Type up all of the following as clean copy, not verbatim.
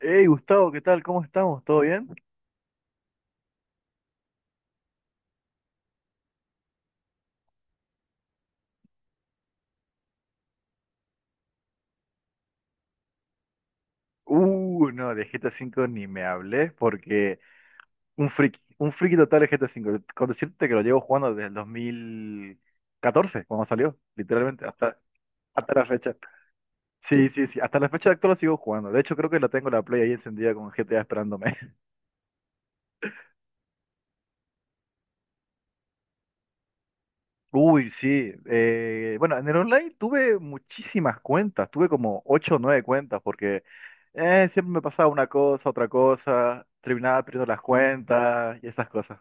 Hey Gustavo, ¿qué tal? ¿Cómo estamos? ¿Todo bien? No, de GTA V ni me hablé porque un friki total de GTA V. Con decirte que lo llevo jugando desde el 2014, cuando salió, literalmente, hasta la fecha. Sí, sí, sí, hasta la fecha actual lo sigo jugando. De hecho, creo que la tengo la Play ahí encendida con GTA esperándome. Uy, sí. Bueno, en el online tuve muchísimas cuentas, tuve como ocho o nueve cuentas, porque siempre me pasaba una cosa, otra cosa, terminaba perdiendo las cuentas y esas cosas.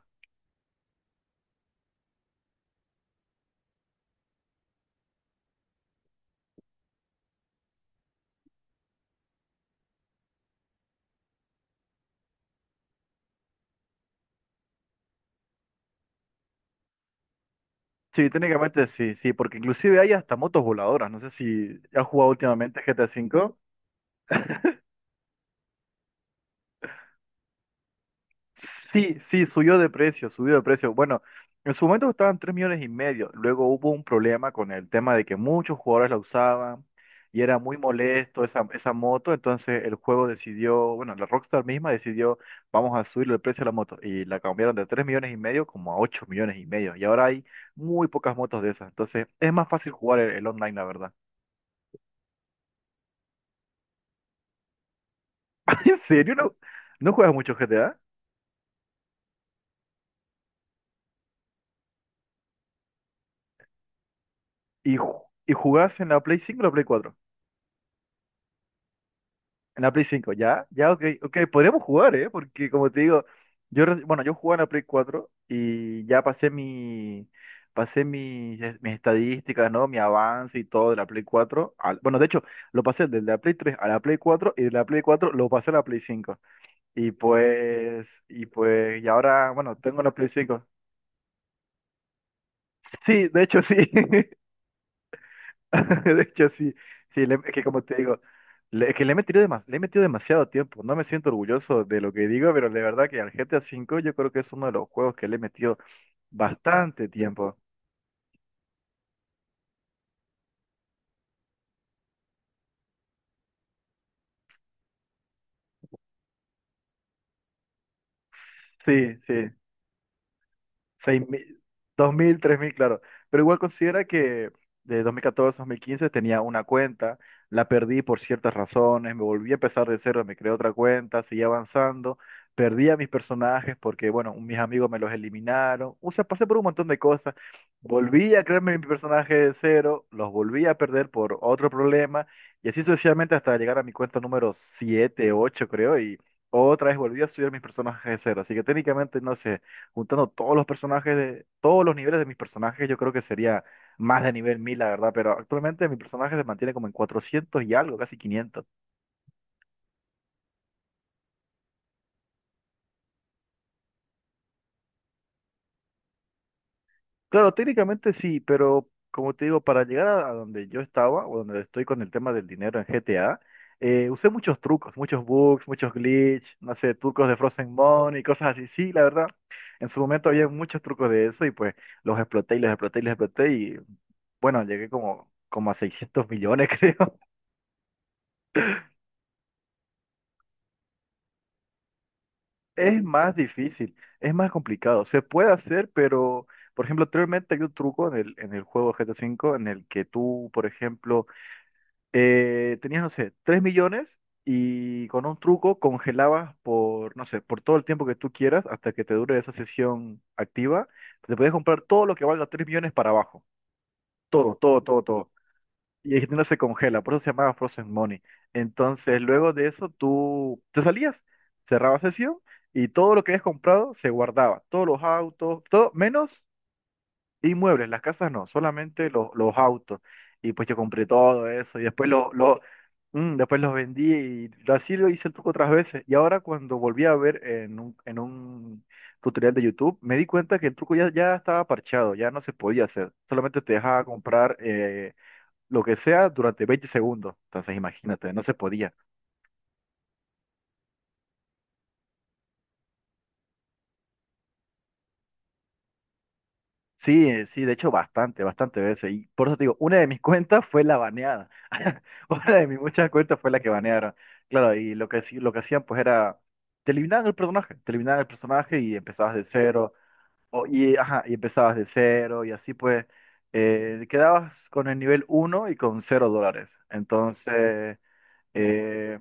Sí, técnicamente sí, sí, porque inclusive hay hasta motos voladoras. No sé si has jugado últimamente GTA V. Sí, sí, subió de precio, subió de precio. Bueno, en su momento estaban 3,5 millones. Luego hubo un problema con el tema de que muchos jugadores la usaban y era muy molesto esa moto. Entonces el juego decidió, bueno, la Rockstar misma decidió, vamos a subirle el precio a la moto. Y la cambiaron de 3,5 millones como a 8,5 millones. Y ahora hay muy pocas motos de esas. Entonces es más fácil jugar el online, la verdad. ¿En serio? ¿No, no juegas mucho GTA? ¿Y jugás en la Play cinco o la Play 4? En la Play 5, ya, ya, ok, ok, podríamos jugar, ¿eh? Porque como te digo, yo jugaba en la Play 4 y ya pasé mis estadísticas, ¿no? Mi avance y todo de la Play 4. Bueno, de hecho, lo pasé de la Play 3 a la Play 4 y de la Play 4 lo pasé a la Play 5. Y ahora, bueno, tengo la Play 5. Sí, de hecho, sí. De hecho, sí, sí, es que como te digo, es que le he metido demasiado tiempo. No me siento orgulloso de lo que digo, pero de verdad que al GTA 5 yo creo que es uno de los juegos que le he metido bastante tiempo. Sí, sí. 6.000, 2.000, 3.000, claro. Pero igual considera que de 2014 a 2015 tenía una cuenta, la perdí por ciertas razones, me volví a empezar de cero, me creé otra cuenta, seguí avanzando, perdí a mis personajes porque, bueno, mis amigos me los eliminaron, o sea, pasé por un montón de cosas, volví a crearme mi personaje de cero, los volví a perder por otro problema, y así sucesivamente hasta llegar a mi cuenta número siete ocho, creo, y otra vez volví a subir mis personajes de cero, así que técnicamente no sé, juntando todos los personajes de todos los niveles de mis personajes, yo creo que sería más de nivel 1.000, la verdad, pero actualmente mi personaje se mantiene como en 400 y algo, casi 500. Claro, técnicamente sí, pero como te digo, para llegar a donde yo estaba o donde estoy con el tema del dinero en GTA, usé muchos trucos, muchos bugs, muchos glitch, no sé, trucos de Frozen Money y cosas así. Sí, la verdad, en su momento había muchos trucos de eso y pues los exploté y los exploté y los exploté y bueno, llegué como a 600 millones, creo. Es más difícil, es más complicado. Se puede hacer, pero, por ejemplo, anteriormente había un truco en el juego GTA V en el que tú, por ejemplo, tenías, no sé, 3 millones y con un truco congelabas por, no sé, por todo el tiempo que tú quieras hasta que te dure esa sesión activa. Te podías comprar todo lo que valga 3 millones para abajo. Todo, todo, todo, todo. Y Argentina se congela, por eso se llamaba Frozen Money. Entonces, luego de eso, tú te salías, cerrabas sesión y todo lo que habías comprado se guardaba. Todos los autos, todo, menos inmuebles, las casas no, solamente los autos. Y pues yo compré todo eso y después después los vendí y así lo hice el truco otras veces. Y ahora cuando volví a ver en un tutorial de YouTube, me di cuenta que el truco ya estaba parchado, ya no se podía hacer. Solamente te dejaba comprar lo que sea durante 20 segundos. Entonces, imagínate, no se podía. Sí, sí, de hecho, bastante, bastante veces. Y por eso te digo, una de mis cuentas fue la baneada. Una de mis muchas cuentas fue la que banearon. Claro, y lo que, lo que hacían, pues era, te eliminaban el personaje, te eliminaban el personaje y empezabas de cero. O, y, ajá, y empezabas de cero y así pues, quedabas con el nivel uno y con cero dólares. Entonces. Eh,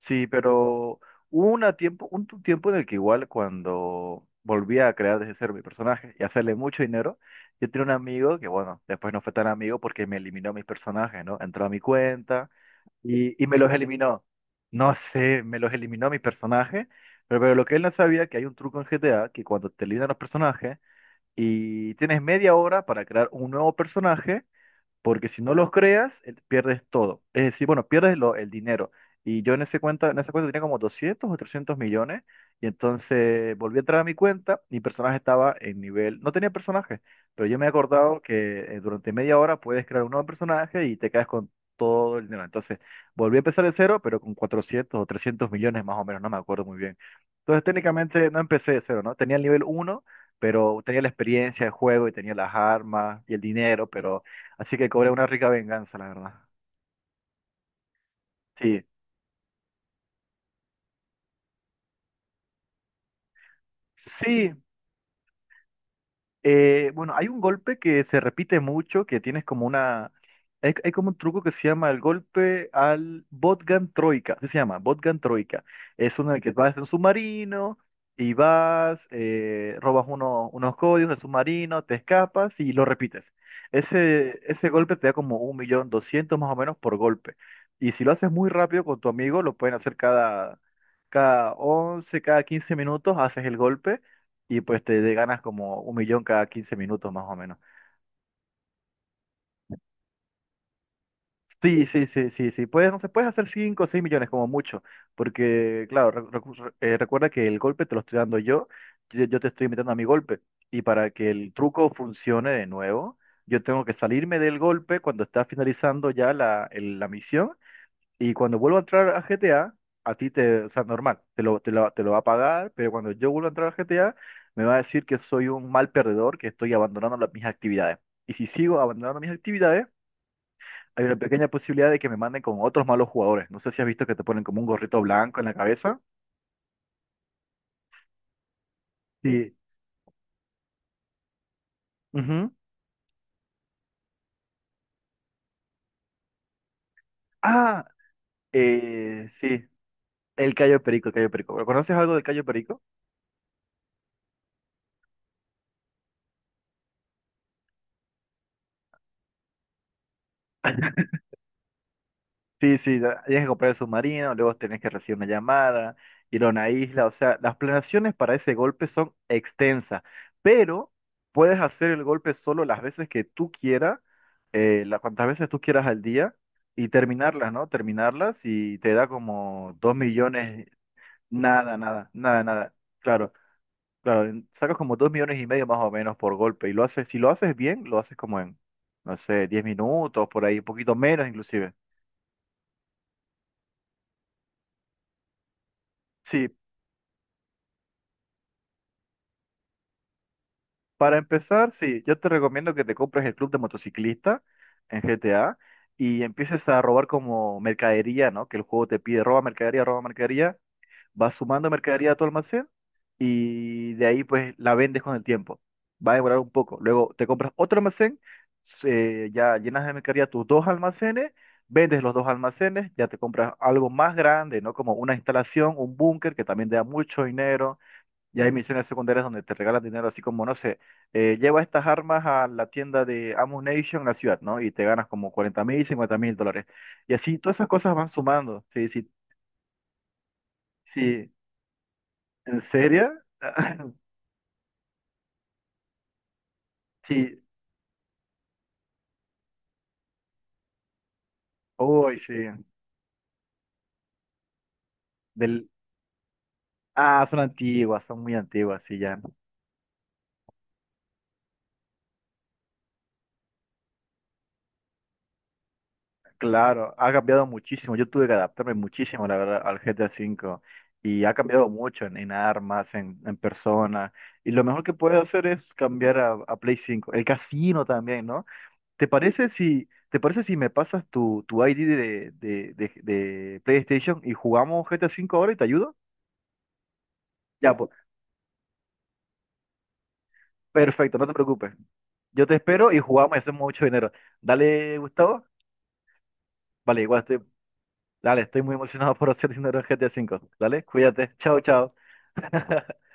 sí, pero hubo una tiempo, tiempo en el que igual cuando volvía a crear desde cero mi personaje y hacerle mucho dinero, yo tenía un amigo que, bueno, después no fue tan amigo porque me eliminó mis personajes, ¿no? Entró a mi cuenta y me los eliminó. No sé, me los eliminó mi personaje, pero lo que él no sabía que hay un truco en GTA que cuando te eliminan los personajes y tienes media hora para crear un nuevo personaje, porque si no los creas, pierdes todo. Es decir, bueno, pierdes el dinero. Y yo en ese cuenta, en esa cuenta tenía como 200 o 300 millones, y entonces volví a entrar a mi cuenta, mi personaje estaba en nivel, no tenía personaje, pero yo me he acordado que durante media hora puedes crear un nuevo personaje y te quedas con todo el dinero. Entonces, volví a empezar de cero, pero con 400 o 300 millones más o menos, no me acuerdo muy bien. Entonces, técnicamente no empecé de cero, ¿no? Tenía el nivel uno, pero tenía la experiencia de juego y tenía las armas y el dinero, pero, así que cobré una rica venganza, la verdad. Sí, sí, bueno, hay un golpe que se repite mucho, que tienes como una. Hay como un truco que se llama el golpe al Botgan Troika, así se llama, Botgan Troika. Es uno en el que vas en un submarino y vas, robas unos códigos del submarino, te escapas y lo repites. Ese golpe te da como un millón doscientos más o menos por golpe. Y si lo haces muy rápido con tu amigo, lo pueden hacer cada 11 cada 15 minutos, haces el golpe y pues ganas como un millón cada 15 minutos más o menos. Sí, sí, sí, sí, sí. Puedes, no sé, puedes hacer 5 o 6 millones como mucho, porque claro, recuerda que el golpe te lo estoy dando yo, yo te estoy metiendo a mi golpe. Y para que el truco funcione de nuevo, yo tengo que salirme del golpe cuando está finalizando ya la misión. Y cuando vuelvo a entrar a GTA, a ti te, o sea, normal, te lo va a pagar, pero cuando yo vuelvo a entrar a GTA, me va a decir que soy un mal perdedor, que estoy abandonando mis actividades. Y si sigo abandonando mis actividades, hay una pequeña posibilidad de que me manden con otros malos jugadores. No sé si has visto que te ponen como un gorrito blanco en la cabeza. Sí. Ujú. Ah, sí, el Cayo Perico, el Cayo Perico. ¿Conoces algo del Cayo Perico? Sí, sí, tienes que comprar el submarino, luego tenés que recibir una llamada, ir a una isla, o sea, las planeaciones para ese golpe son extensas, pero puedes hacer el golpe solo las veces que tú quieras, cuantas veces tú quieras al día, y terminarlas, ¿no? Terminarlas y te da como 2 millones, nada, nada, nada, nada, claro, claro, sacas como 2,5 millones más o menos por golpe, y lo haces, si lo haces bien, lo haces como en, no sé, 10 minutos, por ahí, un poquito menos inclusive. Sí, para empezar, sí, yo te recomiendo que te compres el club de motociclista en GTA y empieces a robar como mercadería, ¿no? Que el juego te pide, roba mercadería, vas sumando mercadería a tu almacén y de ahí pues la vendes con el tiempo. Va a demorar un poco. Luego te compras otro almacén, ya llenas de mercadería tus dos almacenes, vendes los dos almacenes, ya te compras algo más grande, ¿no? Como una instalación, un búnker que también te da mucho dinero y hay misiones secundarias donde te regalan dinero, así como, no sé, lleva estas armas a la tienda de Ammunition en la ciudad, ¿no? Y te ganas como 40.000, 50.000 dólares. Y así todas esas cosas van sumando. Sí, sí, sí. ¿En serio? Sí. Uy, sí. Del. Ah, son antiguas, son muy antiguas, sí, ya. Claro, ha cambiado muchísimo. Yo tuve que adaptarme muchísimo, la verdad, al GTA V. Y ha cambiado mucho en armas, en personas. Y lo mejor que puede hacer es cambiar a Play 5. El casino también, ¿no? ¿Te parece si me pasas tu ID de PlayStation y jugamos GTA V ahora y te ayudo? Ya, pues, perfecto, no te preocupes. Yo te espero y jugamos y hacemos mucho dinero. Dale, Gustavo. Vale, igual estoy Dale, estoy muy emocionado por hacer dinero en GTA V. Dale, cuídate. Chao, chao.